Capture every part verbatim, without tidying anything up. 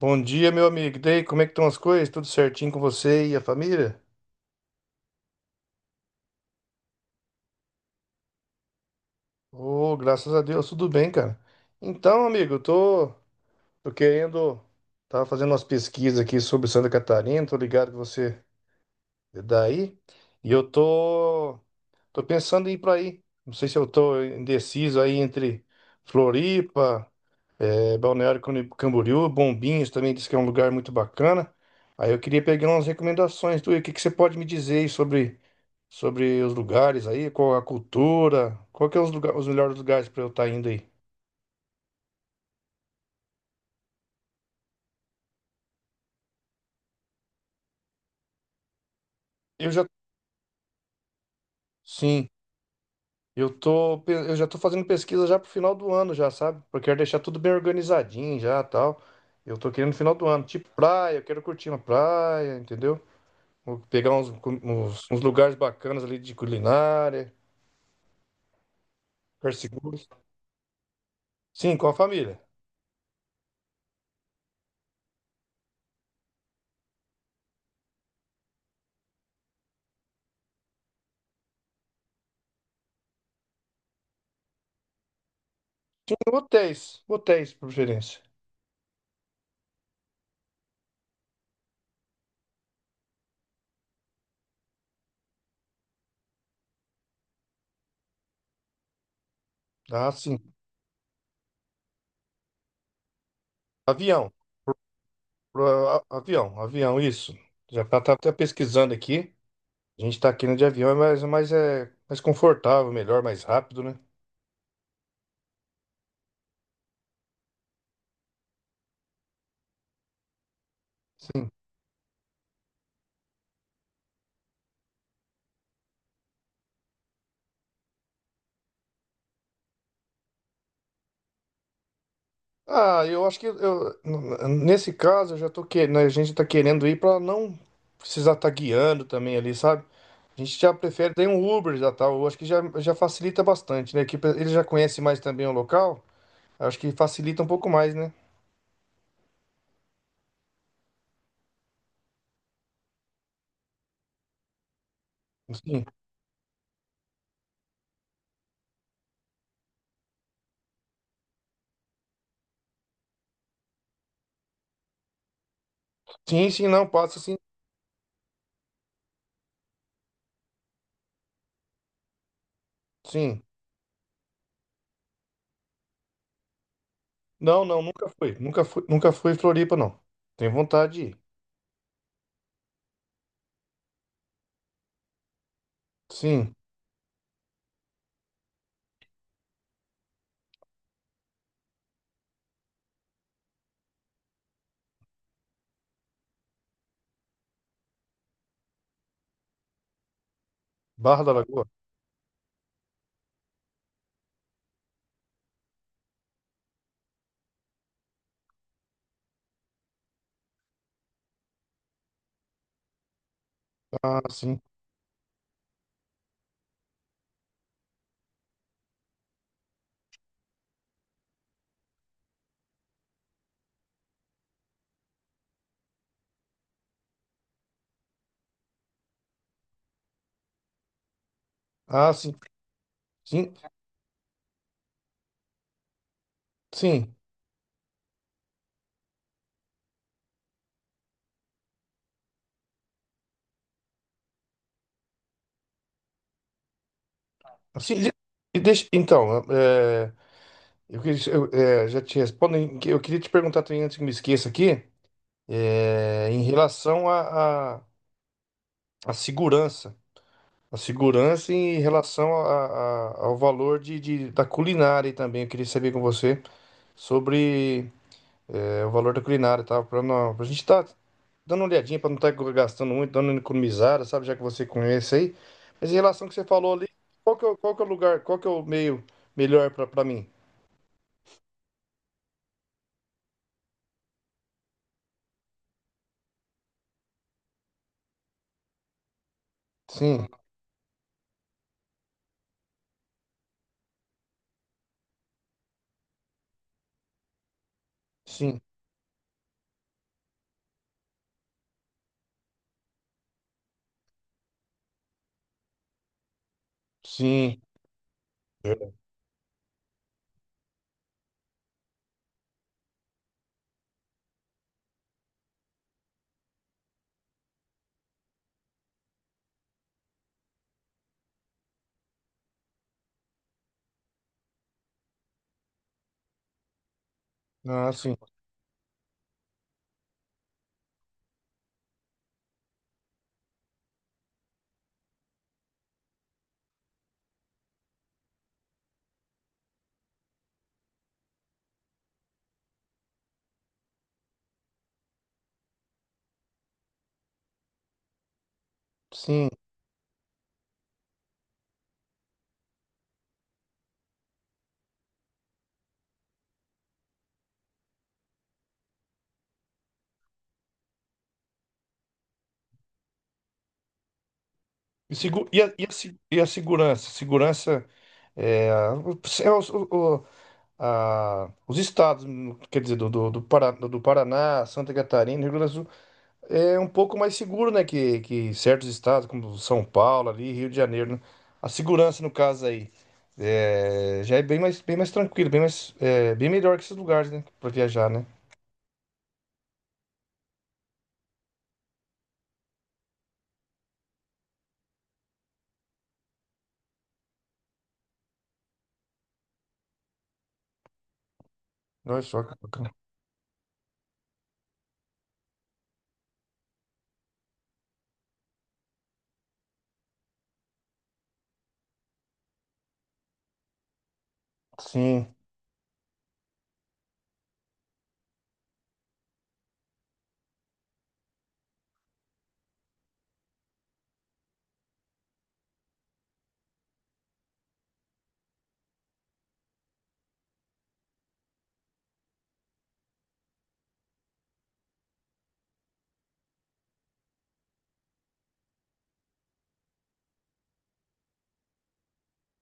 Bom dia, meu amigo. E daí, como é que estão as coisas? Tudo certinho com você e a família? Ô, graças a Deus, tudo bem, cara. Então, amigo, eu tô, tô querendo. Tava fazendo umas pesquisas aqui sobre Santa Catarina, tô ligado que você é daí. E eu tô, tô pensando em ir pra aí. Não sei se eu tô indeciso aí entre Floripa, é, Balneário Camboriú, Camboriú, Bombinhas também diz que é um lugar muito bacana. Aí eu queria pegar umas recomendações tu, o que que você pode me dizer aí sobre. sobre os lugares aí, qual a cultura, qual que é os, lugar, os melhores lugares para eu estar indo aí. Eu já, sim, eu tô, pe- eu já tô fazendo pesquisa já pro final do ano já, sabe? Porque eu quero deixar tudo bem organizadinho já, tal. Eu tô querendo no final do ano, tipo praia, eu quero curtir uma praia, entendeu? Vou pegar uns, cu- uns, uns lugares bacanas ali de culinária, lugares seguros. Sim, com a família. Sim, hotéis, hotéis, por preferência. Ah, sim. Avião. Pro a- avião, avião, isso. Já tá, tá até pesquisando aqui. A gente tá aqui no de avião, mas, mas é mais confortável, melhor, mais rápido, né? Ah, eu acho que eu- n- nesse caso eu já tô querendo, a gente tá querendo ir pra não precisar estar guiando também ali, sabe? A gente já prefere ter um Uber já tal, eu acho que já, já facilita bastante, né? Que pe- ele já conhece mais também o local, acho que facilita um pouco mais, né? Sim, sim, sim, não, passa sim, sim. Não, não, nunca fui. Nunca fui, nunca fui em Floripa, não. Tenho vontade de ir. Sim. Barra da Lagoa. Ah, sim. Ah, sim. Sim, sim. Sim. e e deixa, então, é, eu, queria- eu, é, já te respondo. em que- Eu queria te perguntar também, antes que me esqueça aqui, é, em relação à à- à segurança. A segurança em relação a- a- ao valor de, de- da culinária também. Eu queria saber com você sobre é, o valor da culinária, tá? Para a gente estar dando uma olhadinha para não estar gastando muito, dando uma economizada, sabe? Já que você conhece aí. Mas em relação ao que você falou ali, qual que é, o- qual que é o lugar, qual que é o meio melhor para para mim? Sim, sim, sim. Verdade. Ah, sim, sim. E, segu- e a, e a se- e a segurança? Segurança é, o- é os, o- o- a- os estados, quer dizer, do, do, do, Pará- do Paraná, Santa Catarina, Rio Grande do Sul. É um pouco mais seguro, né? Que, que certos estados, como São Paulo, ali, Rio de Janeiro, né? A segurança, no caso aí, é, já é bem mais, bem mais tranquilo, bem mais, é, bem melhor que esses lugares, né? Para viajar, né? Olha só que bacana. Sim,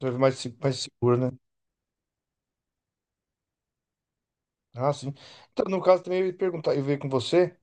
deve mais, se- mais seguro, né? Ah, sim. Então, no caso, também eu ia perguntar, eu ia ver com você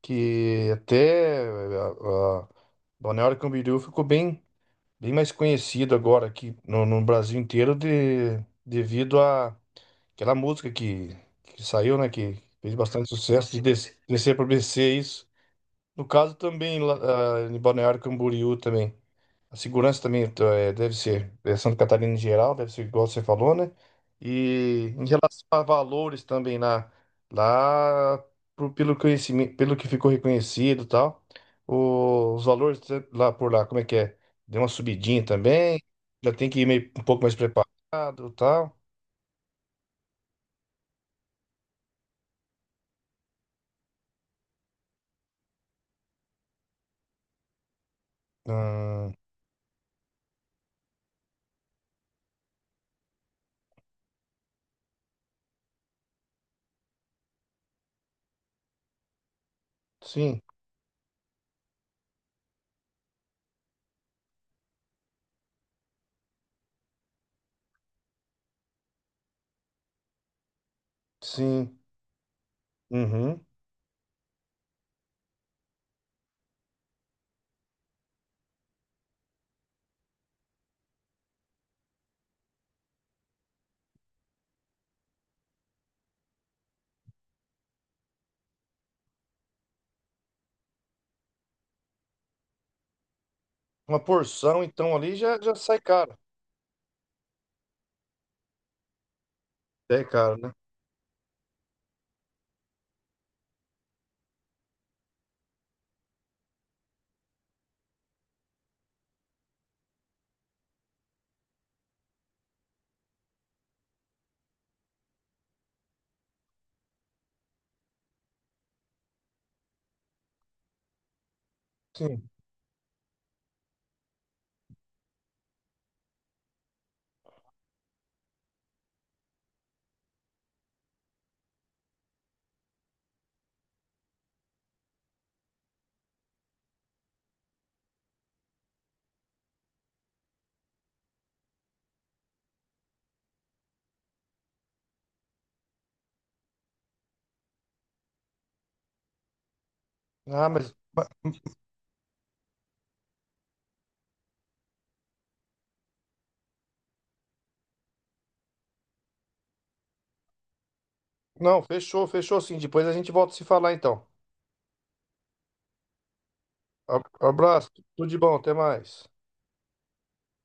que até é, a, a Balneário Camboriú ficou bem, bem mais conhecido agora aqui no, no Brasil inteiro de, devido a aquela música que, que saiu, né? Que fez bastante sucesso de des- descer para B C, isso. No caso também, lá, ah, em Balneário Camboriú também. A segurança também tá, é, deve ser, é, Santa Catarina em geral, deve ser igual você falou, né? E em relação a valores também lá, lá pro- pelo conhecimento, pelo que ficou reconhecido e tal, o- os valores eh, lá por lá, como é que é? Deu uma subidinha também, já tem que ir meio, um pouco mais preparado e tal. Hum, sim. Sim. Uhum. Uma porção, então, ali já, já sai caro. É caro, né? Sim. Ah, mas. Não, fechou, fechou sim. Depois a gente volta a se falar, então. Ab- Abraço, tudo de bom, até mais.